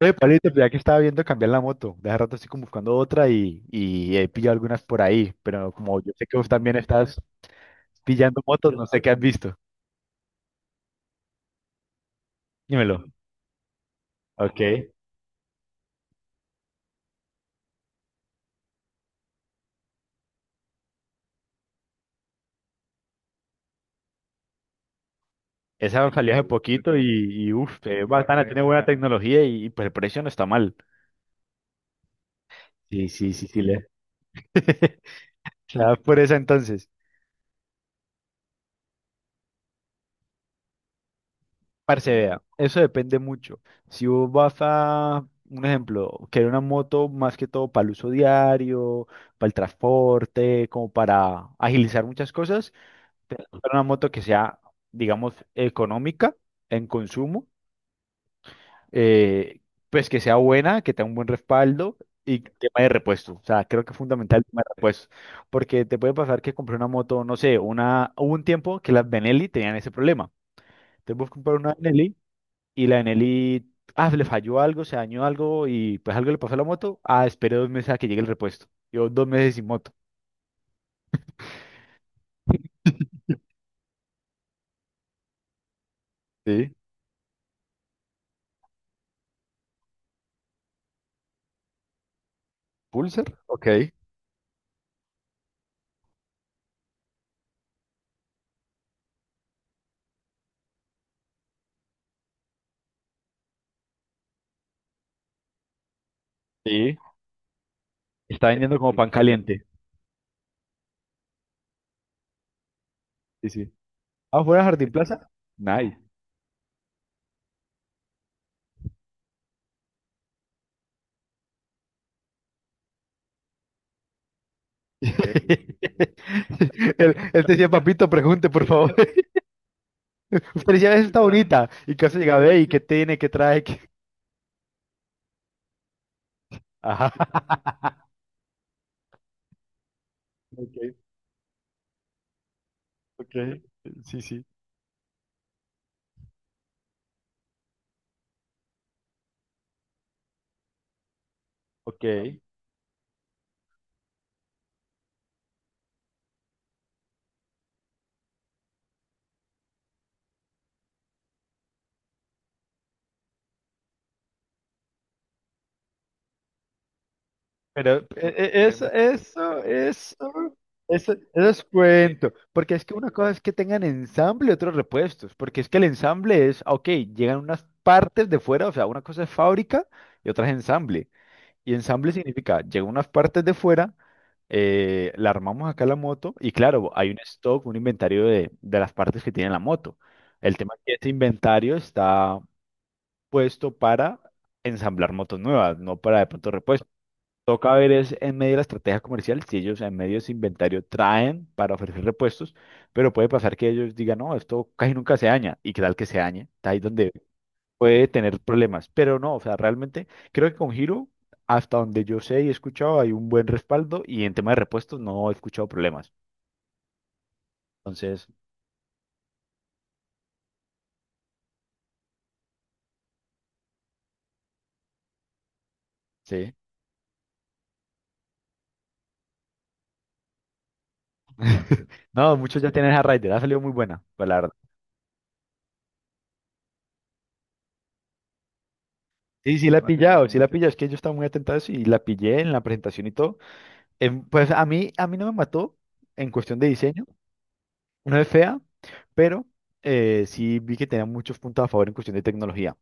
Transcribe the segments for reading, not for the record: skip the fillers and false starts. Oye, Pablito, pues, ya que estaba viendo cambiar la moto, de hace rato estoy como buscando otra y he pillado algunas por ahí, pero como yo sé que vos también estás pillando motos, no sé qué has visto. Dímelo. Ok. Esa salió hace poquito y uff, es bacana, tiene buena tecnología pues el precio no está mal. Sí, sí, sí, sí, le. ¿La das por esa entonces? Parce, vea, eso depende mucho. Si vos vas a, un ejemplo, querer una moto más que todo para el uso diario, para el transporte, como para agilizar muchas cosas, tenés que buscar una moto que sea, digamos, económica en consumo, eh, pues que sea buena, que tenga un buen respaldo y tema de repuesto. O sea, creo que es fundamental el tema de repuesto, porque te puede pasar que compré una moto, no sé, una, hubo un tiempo que las Benelli tenían ese problema. Entonces vos comprar una Benelli y la Eneli, ah, le falló algo, se dañó algo y pues algo le pasó a la moto. Ah, esperé 2 meses a que llegue el repuesto. Yo 2 meses sin moto. Sí. Pulsar. Ok. Sí, está vendiendo como pan caliente. Sí, sí. ¿Ah fuera Jardín Plaza? Nice. Él decía, papito, pregunte, por favor. Usted decía, "Esa está bonita. Y casi llegaba, ve, ¿y qué tiene? ¿Qué trae? ¿Qué-". Ajá. Ok, ok. Sí, sí. Ok. Pero eso, sí. Eso es cuento. Porque es que una cosa es que tengan ensamble y otros repuestos. Porque es que el ensamble es, ah, ok, llegan unas partes de fuera, o sea, una cosa es fábrica y otra es ensamble. Y ensamble significa, llegan unas partes de fuera, la armamos acá la moto y claro, hay un stock, un inventario de las partes que tiene la moto. El tema es que este inventario está puesto para ensamblar motos nuevas, no para de pronto repuestos. Toca ver es en medio de la estrategia comercial si ellos en medio de ese inventario traen para ofrecer repuestos, pero puede pasar que ellos digan, no, esto casi nunca se daña, y que tal que se dañe, está ahí donde puede tener problemas, pero no, o sea, realmente creo que con Hero, hasta donde yo sé y he escuchado, hay un buen respaldo y en tema de repuestos no he escuchado problemas. Entonces, sí. No, muchos ya tienen esa Rider, ha salido muy buena, pues la verdad. Sí, sí la he Vale, pillado, sí vale. La he pillado, es que yo estaba muy atento a eso y la pillé en la presentación y todo. Pues a mí no me mató en cuestión de diseño, no es fea, pero sí vi que tenía muchos puntos a favor en cuestión de tecnología.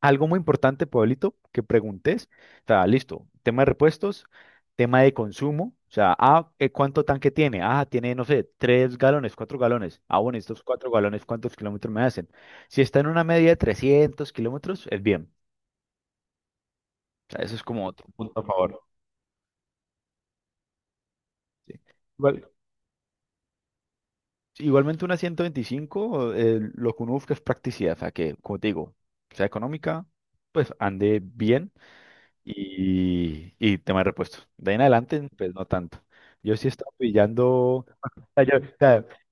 Algo muy importante, Pueblito, que preguntes, o sea, listo, tema de repuestos, tema de consumo, o sea, ah, ¿cuánto tanque tiene? Ah, tiene, no sé, 3 galones, 4 galones. Ah, bueno, estos 4 galones, ¿cuántos kilómetros me hacen? Si está en una media de 300 kilómetros, es bien. O sea, eso es como otro punto a favor. Sí. Igual- Igualmente una 125, lo que uno busca es practicidad, o sea, que, como te digo, sea económica, pues ande bien y tema de repuestos. De ahí en adelante, pues no tanto. Yo sí he estado pillando... o yo-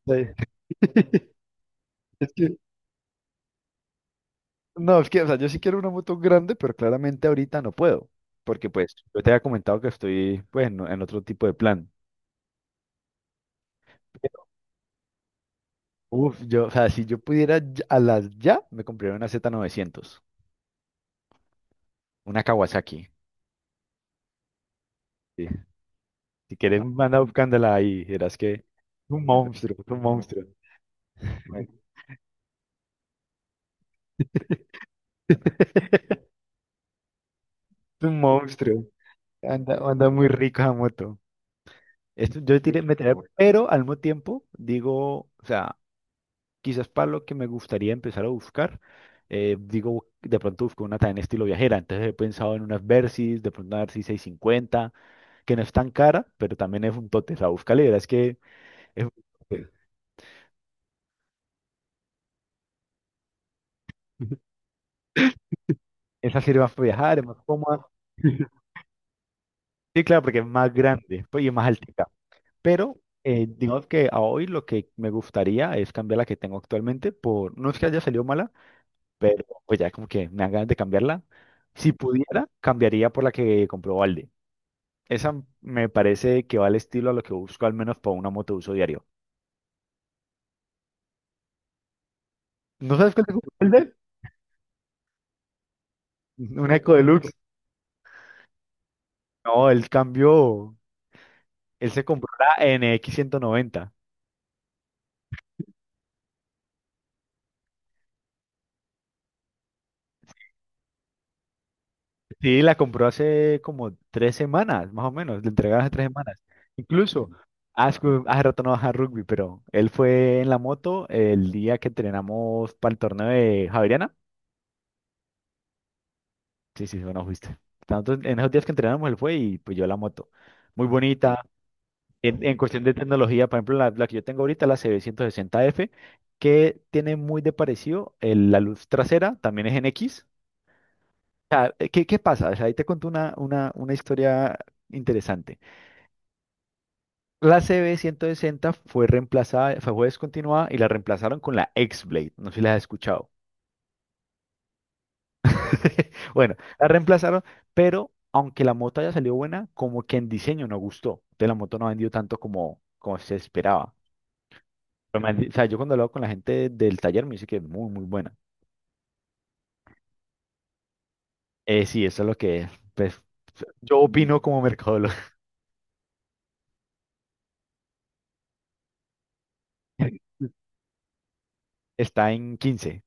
o eh, es que- no, es que, o sea, yo sí quiero una moto grande, pero claramente ahorita no puedo, porque pues yo te había comentado que estoy, pues, en otro tipo de plan. Uf, yo, o sea, si yo pudiera a las ya, me compraría una Z900, una Kawasaki. Sí. Si quieres, manda buscándola ahí. Verás que un monstruo, es un monstruo. Es un monstruo. Anda, anda muy rico esa moto. Esto, yo tiré, uf, me tiré, bueno. Pero al mismo tiempo digo, o sea, quizás para lo que me gustaría empezar a buscar, digo, de pronto busco una también estilo viajera. Entonces he pensado en unas Versys, de pronto una Versys 650, que no es tan cara, pero también es un tote. O sea, búscale, verás que es un tote. Esa sirve más para viajar, es más cómoda. Sí, claro, porque es más grande, pues, y es más alta. Pero digamos que a hoy lo que me gustaría es cambiar la que tengo actualmente por, no es que haya salido mala, pero pues ya como que me dan ganas de cambiarla. Si pudiera, cambiaría por la que compró Valde. Esa me parece que va al estilo a lo que busco al menos para una moto de uso diario. ¿No sabes cuál te compró Valde? Una Eco Deluxe. No, él cambió, él se compró la NX 190. Sí, la compró hace como 3 semanas, más o menos. Le entregaron hace 3 semanas. Incluso, hace, hace rato no baja rugby, pero él fue en la moto el día que entrenamos para el torneo de Javeriana. Sí, sí, bueno, fuiste. En esos días que entrenamos, él fue y pues yo la moto. Muy bonita. En cuestión de tecnología, por ejemplo, la que yo tengo ahorita, la CB160F, que tiene muy de parecido la luz trasera, también es en X. ¿Qué pasa? O sea, ahí te conté una historia interesante. La CB160 fue reemplazada, fue descontinuada y la reemplazaron con la X-Blade. No sé si la has escuchado. Bueno, la reemplazaron, pero aunque la moto haya salido buena, como que en diseño no gustó. Entonces la moto no ha vendido tanto como se esperaba. Pero me han o sea, yo cuando hablo con la gente del taller me dice que es muy, muy buena. Sí, eso es lo que, pues, yo opino como mercadólogo. Está en 15.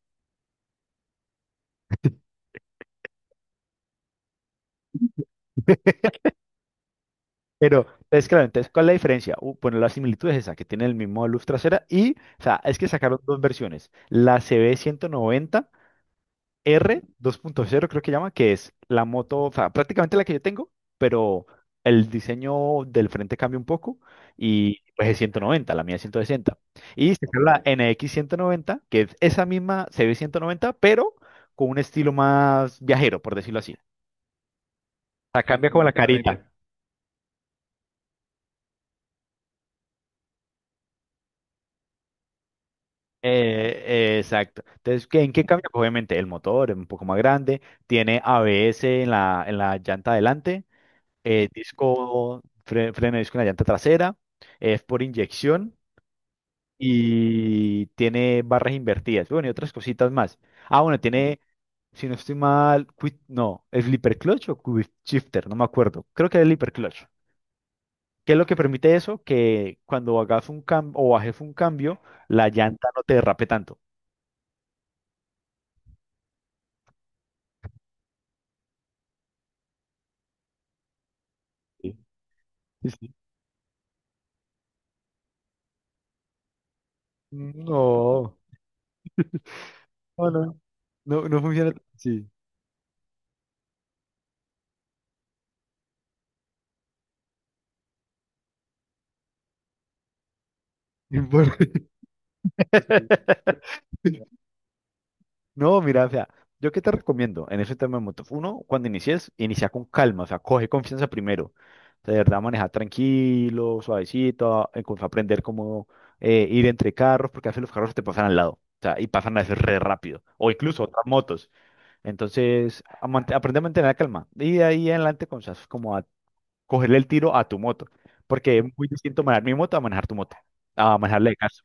Pero, es claro, entonces, ¿cuál es la diferencia? Bueno, la similitud es esa, que tiene el mismo luz trasera y, o sea, es que sacaron dos versiones. La CB190R 2.0, creo que llama, que es la moto, o sea, prácticamente la que yo tengo, pero el diseño del frente cambia un poco y pues es 190, la mía es 160. Y sacaron la NX190, que es esa misma CB190, pero con un estilo más viajero, por decirlo así. Cambia como la carita. Eh, exacto. Entonces, ¿en qué cambia? Pues, obviamente el motor es un poco más grande, tiene ABS en la, llanta delante, disco, freno de disco en la llanta trasera, es por inyección y tiene barras invertidas. Bueno, y otras cositas más. Ah, bueno, tiene, si no estoy mal, quick- no, ¿es flipper clutch o quick shifter? No me acuerdo. Creo que es flipper clutch. ¿Qué es lo que permite eso? Que cuando hagas un cambio o bajes un cambio, la llanta no te derrape tanto. Sí. No, no, no, no, no funciona tan así. Porque- No, mira, o sea, yo qué te recomiendo en ese tema de motos. Uno, cuando inicies, inicia con calma, o sea, coge confianza primero. O sea, de verdad, manejar tranquilo, suavecito, aprender cómo ir entre carros, porque a veces los carros te pasan al lado, o sea, y pasan a veces re rápido, o incluso otras motos. Entonces, aprende a mantener la calma. Y de ahí en adelante, con como cogerle el tiro a tu moto, porque es muy distinto manejar mi moto a manejar tu moto, a manejarle de caso.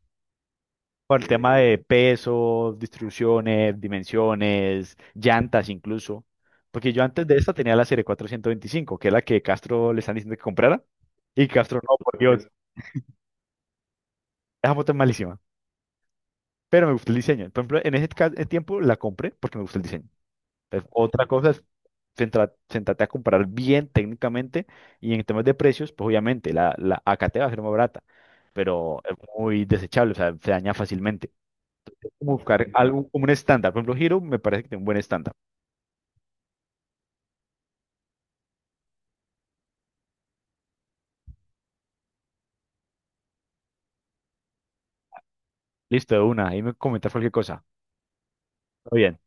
Por el tema de peso, distribuciones, dimensiones, llantas incluso. Porque yo antes de esta tenía la serie 425, que es la que Castro le están diciendo que comprara. Y Castro, no, por Dios, esa moto es malísima. Pero me gustó el diseño. Por ejemplo, en ese tiempo la compré porque me gustó el diseño. Otra cosa es centrarte a comprar bien técnicamente y en temas de precios, pues obviamente la acate va a ser más barata, pero es muy desechable, o sea, se daña fácilmente. Como buscar algo como un estándar, por ejemplo, Hero me parece que tiene un buen estándar. Listo, de una, ahí me comentas cualquier cosa. Todo bien.